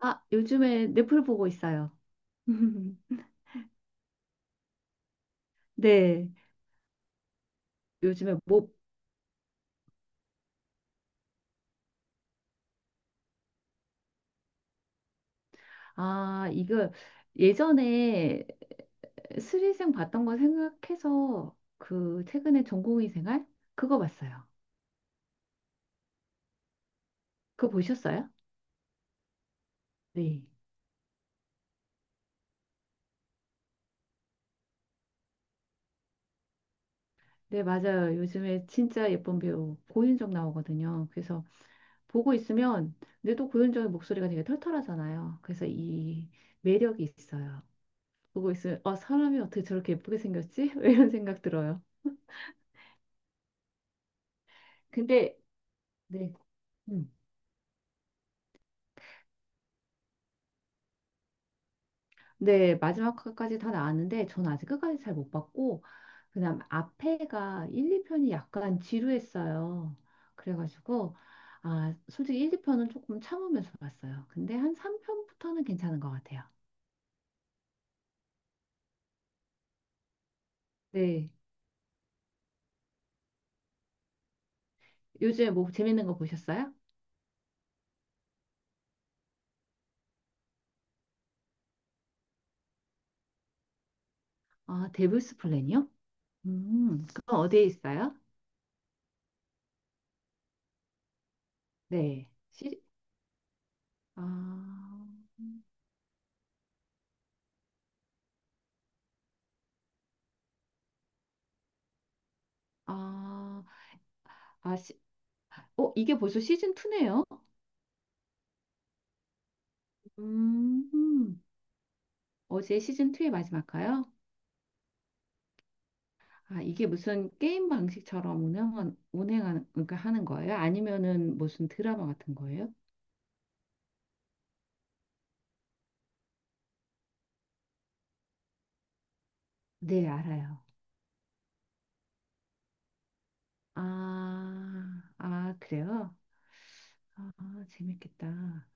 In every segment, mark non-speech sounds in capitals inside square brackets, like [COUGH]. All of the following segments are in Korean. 아, 요즘에 넷플 보고 있어요. [LAUGHS] 네, 요즘에 뭐, 아, 이거 예전에 스리생 봤던 거 생각해서 그 최근에 전공의 생활? 그거 봤어요. 그거 보셨어요? 네. 네, 맞아요. 요즘에 진짜 예쁜 배우 고윤정 나오거든요. 그래서 보고 있으면, 근데 또 고윤정의 목소리가 되게 털털하잖아요. 그래서 이 매력이 있어요. 보고 있으면, 어, 사람이 어떻게 저렇게 예쁘게 생겼지? [LAUGHS] 이런 생각 들어요. 근데 네. 음. 네, 마지막까지 다 나왔는데 전 아직 끝까지 잘 못 봤고 그다음 앞에가 1, 2편이 약간 지루했어요. 그래가지고 아, 솔직히 1, 2편은 조금 참으면서 봤어요. 근데 한 3편부터는 괜찮은 것 같아요. 네. 요즘에 뭐 재밌는 거 보셨어요? 아, 데블스 플랜이요? 그건 어디에 있어요? 네. 시, 아, 아, 아, 시, 어, 이게 벌써 시즌 2네요? 음. 어제 시즌2의 마지막가요? 아, 이게 무슨 게임 방식처럼 운행하는, 그러니까 하는 거예요? 아니면은 무슨 드라마 같은 거예요? 네, 알아요. 아, 아, 그래요? 아, 재밌겠다.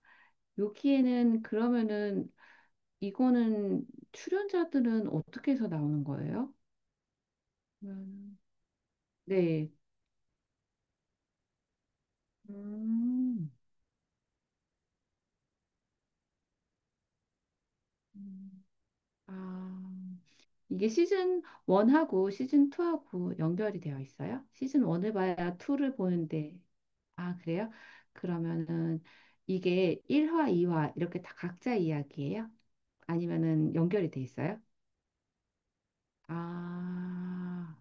여기에는 그러면은 이거는 출연자들은 어떻게 해서 나오는 거예요? 음, 네. 음, 음. 아. 이게 시즌 1하고 시즌 2하고 연결이 되어 있어요? 시즌 1을 봐야 2를 보는데. 아, 그래요? 그러면은 이게 1화, 2화 이렇게 다 각자 이야기예요? 아니면은 연결이 돼 있어요? 아,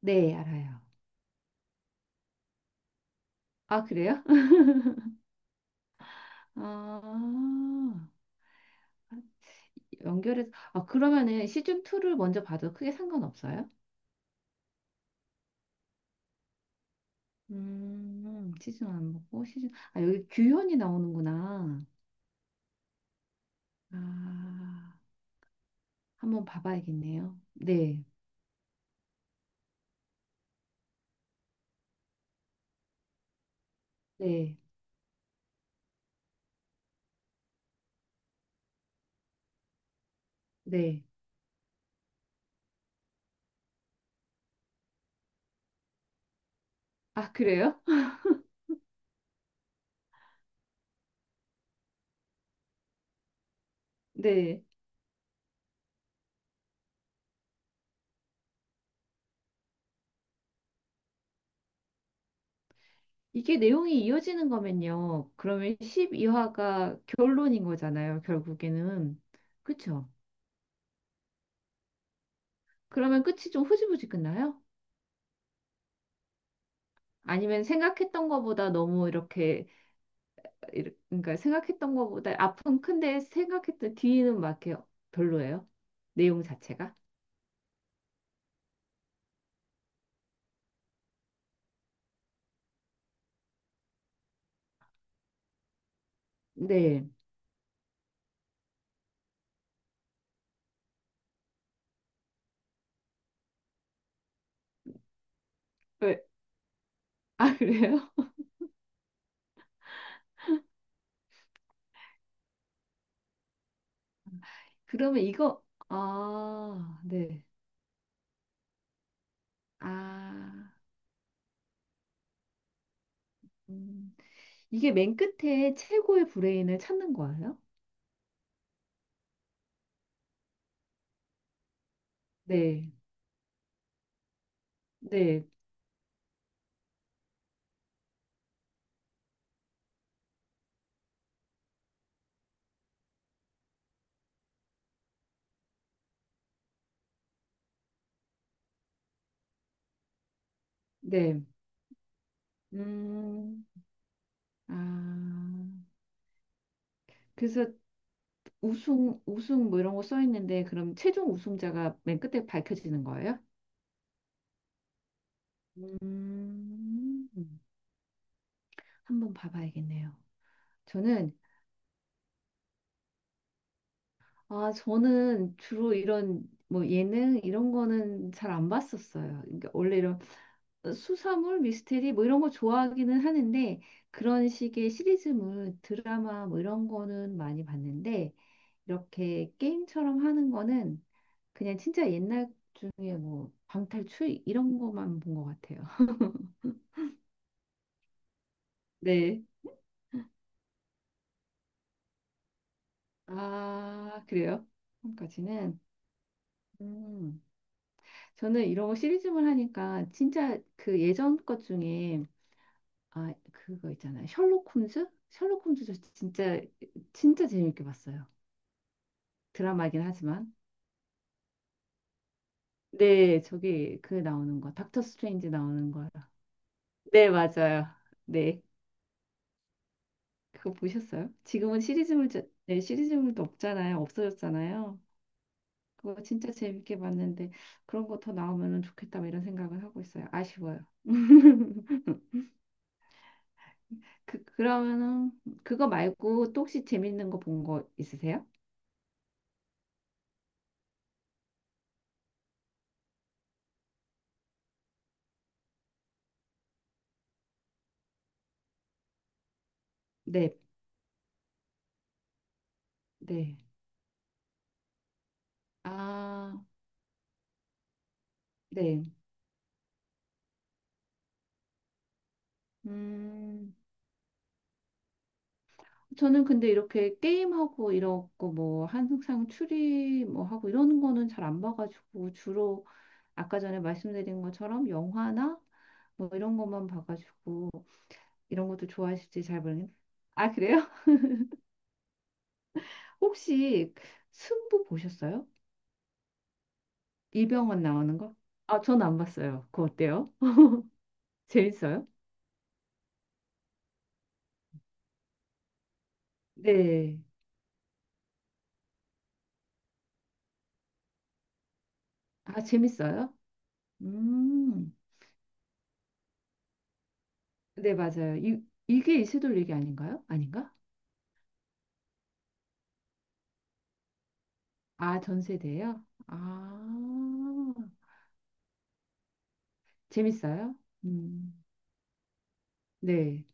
네, 알아요. 아, 그래요? [LAUGHS] 아, 연결해서 아, 그러면은 시즌 2를 먼저 봐도 크게 상관없어요? 시즌 1 보고 여기 규현이 나오는구나. 아. 한번 봐봐야겠네요. 네, 네, 네. 아, 그래요? [LAUGHS] 네. 이게 내용이 이어지는 거면요. 그러면 12화가 결론인 거잖아요, 결국에는. 그쵸? 그러면 끝이 좀 흐지부지 끝나요? 아니면 생각했던 거보다 너무 이렇게, 그러니까 생각했던 거보다 앞은 큰데 생각했던 뒤는 막 이렇게 별로예요? 내용 자체가? 네. 왜? 아, 그래요? [LAUGHS] 그러면 아, 네. 아, 음. 이게 맨 끝에 최고의 브레인을 찾는 거예요? 네, 네, 네. 음, 아, 그래서 우승 뭐 이런 거 써 있는데 그럼 최종 우승자가 맨 끝에 밝혀지는 거예요? 음, 한번 봐봐야겠네요. 저는, 아, 저는 주로 이런 뭐 예능 이런 거는 잘 안 봤었어요. 그러니까 원래 이런 수사물, 미스테리 뭐 이런 거 좋아하기는 하는데 그런 식의 시리즈물, 드라마 뭐 이런 거는 많이 봤는데 이렇게 게임처럼 하는 거는 그냥 진짜 옛날 중에 뭐 방탈출 이런 거만 본 것 같아요. [LAUGHS] 네. 아, 그래요? 지금까지는. 음. 저는 이런 거 시리즈물 하니까 진짜 그 예전 것 중에 아, 그거 있잖아요. 셜록 홈즈? 셜록 홈즈 저 진짜 진짜 재밌게 봤어요. 드라마이긴 하지만. 네, 저기 그 나오는 거, 닥터 스트레인지 나오는 거요. 네, 맞아요. 네, 그거 보셨어요? 지금은 시리즈물, 네, 시리즈물도 없잖아요. 없어졌잖아요. 그거 진짜 재밌게 봤는데 그런 거 더 나오면은 좋겠다 뭐 이런 생각을 하고 있어요. 아쉬워요. [LAUGHS] 그러면은 그거 말고 또 혹시 재밌는 거 본 거 있으세요? 네, 네. 아, 네. 음. 저는 근데 이렇게 게임하고 이러고 뭐 항상 추리 뭐 하고 이러는 거는 잘 안 봐가지고 주로 아까 전에 말씀드린 것처럼 영화나 뭐 이런 것만 봐가지고 이런 것도 좋아하실지 잘 모르겠. 아 그래요? [LAUGHS] 혹시 승부 보셨어요? 이병헌 나오는 거? 아, 전 안 봤어요. 그거 어때요? 재밌어요? 네. 아, 재밌어요? 음. 네, 맞아요. 이게 이세돌 얘기 아닌가요? 아닌가? 아, 전 세대예요? 아. 재밌어요? 음. 네.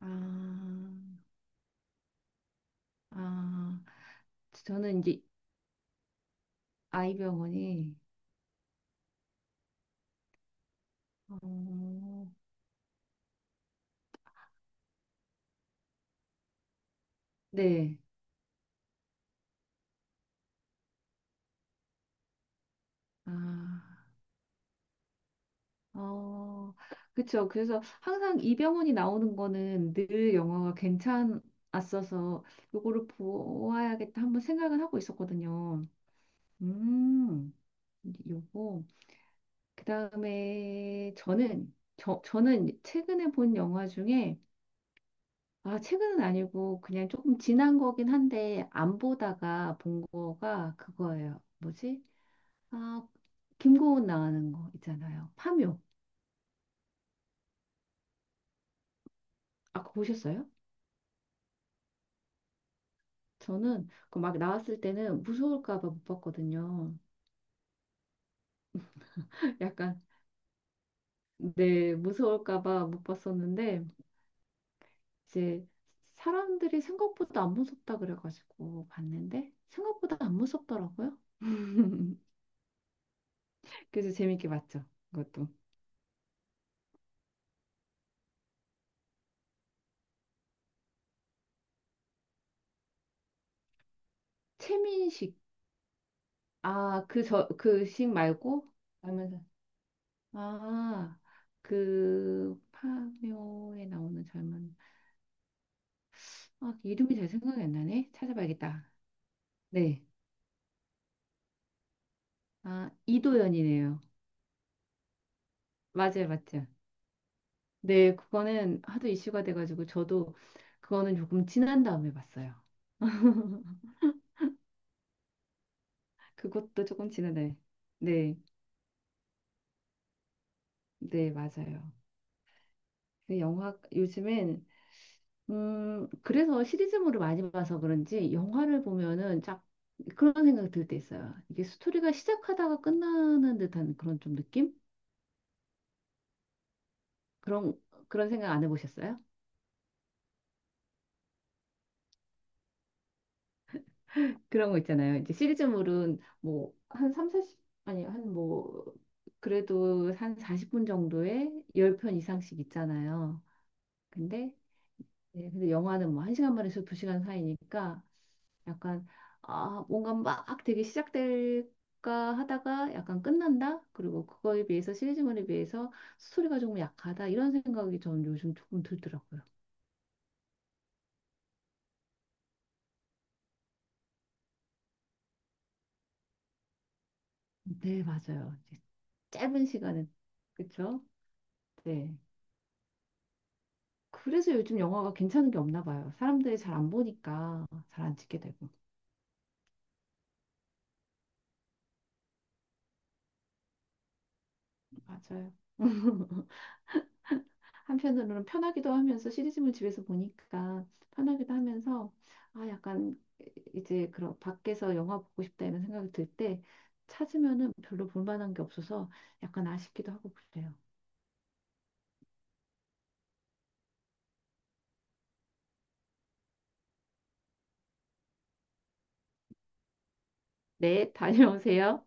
아, 아, 저는 이제 아이병원이 어, 네. 아, 어, 그쵸. 그래서 항상 이병헌이 나오는 거는 늘 영화가 괜찮았어서 요거를 보아야겠다 한번 생각은 하고 있었거든요. 음, 요거. 그다음에 저는 최근에 본 영화 중에 아, 최근은 아니고 그냥 조금 지난 거긴 한데 안 보다가 본 거가 그거예요. 뭐지? 아, 김고은 나오는 거 있잖아요. 파묘. 아까 보셨어요? 저는 그막 나왔을 때는 무서울까 봐 못 봤거든요. [LAUGHS] 약간 네, 무서울까 봐 못 봤었는데 이제 사람들이 생각보다 안 무섭다 그래가지고 봤는데 생각보다 안 무섭더라고요. [LAUGHS] 그래서 재밌게 봤죠. 그것도. 최민식 아, 그 식 말고? 라면, 아, 그 파묘에 나오는 젊은, 아, 이름이 잘 생각이 안 나네? 찾아봐야겠다. 네. 아, 이도연이네요. 맞아요, 맞죠. 네, 그거는 하도 이슈가 돼가지고 저도 그거는 조금 지난 다음에 봤어요. 그것도 조금 지난 다음에. 네, 네, 맞아요. 그 영화, 요즘엔 그래서 시리즈물을 많이 봐서 그런지 영화를 보면은 쫙 그런 생각이 들 때 있어요. 이게 스토리가 시작하다가 끝나는 듯한 그런 좀 느낌? 그런, 그런 생각 안 해보셨어요? 그런 거 있잖아요. 이제 시리즈물은 뭐 한삼 40, 아니, 한 뭐, 그래도 한 40분 정도에 10편 이상씩 있잖아요. 근데 네, 근데 영화는 뭐 1시간 반에서 2시간 사이니까 약간 아, 뭔가 막 되게 시작될까 하다가 약간 끝난다. 그리고 그거에 비해서 시리즈물에 비해서 스토리가 조금 약하다. 이런 생각이 저는 요즘 조금 들더라고요. 네, 맞아요. 이제 짧은 시간에 그렇죠? 네. 그래서 요즘 영화가 괜찮은 게 없나 봐요. 사람들이 잘 안 보니까 잘 안 찍게 되고. 맞아요. [LAUGHS] 한편으로는 편하기도 하면서 시리즈물 집에서 보니까 편하기도 하면서 아 약간 이제 그런 밖에서 영화 보고 싶다 이런 생각이 들 때 찾으면은 별로 볼만한 게 없어서 약간 아쉽기도 하고 그래요. 네, 다녀오세요.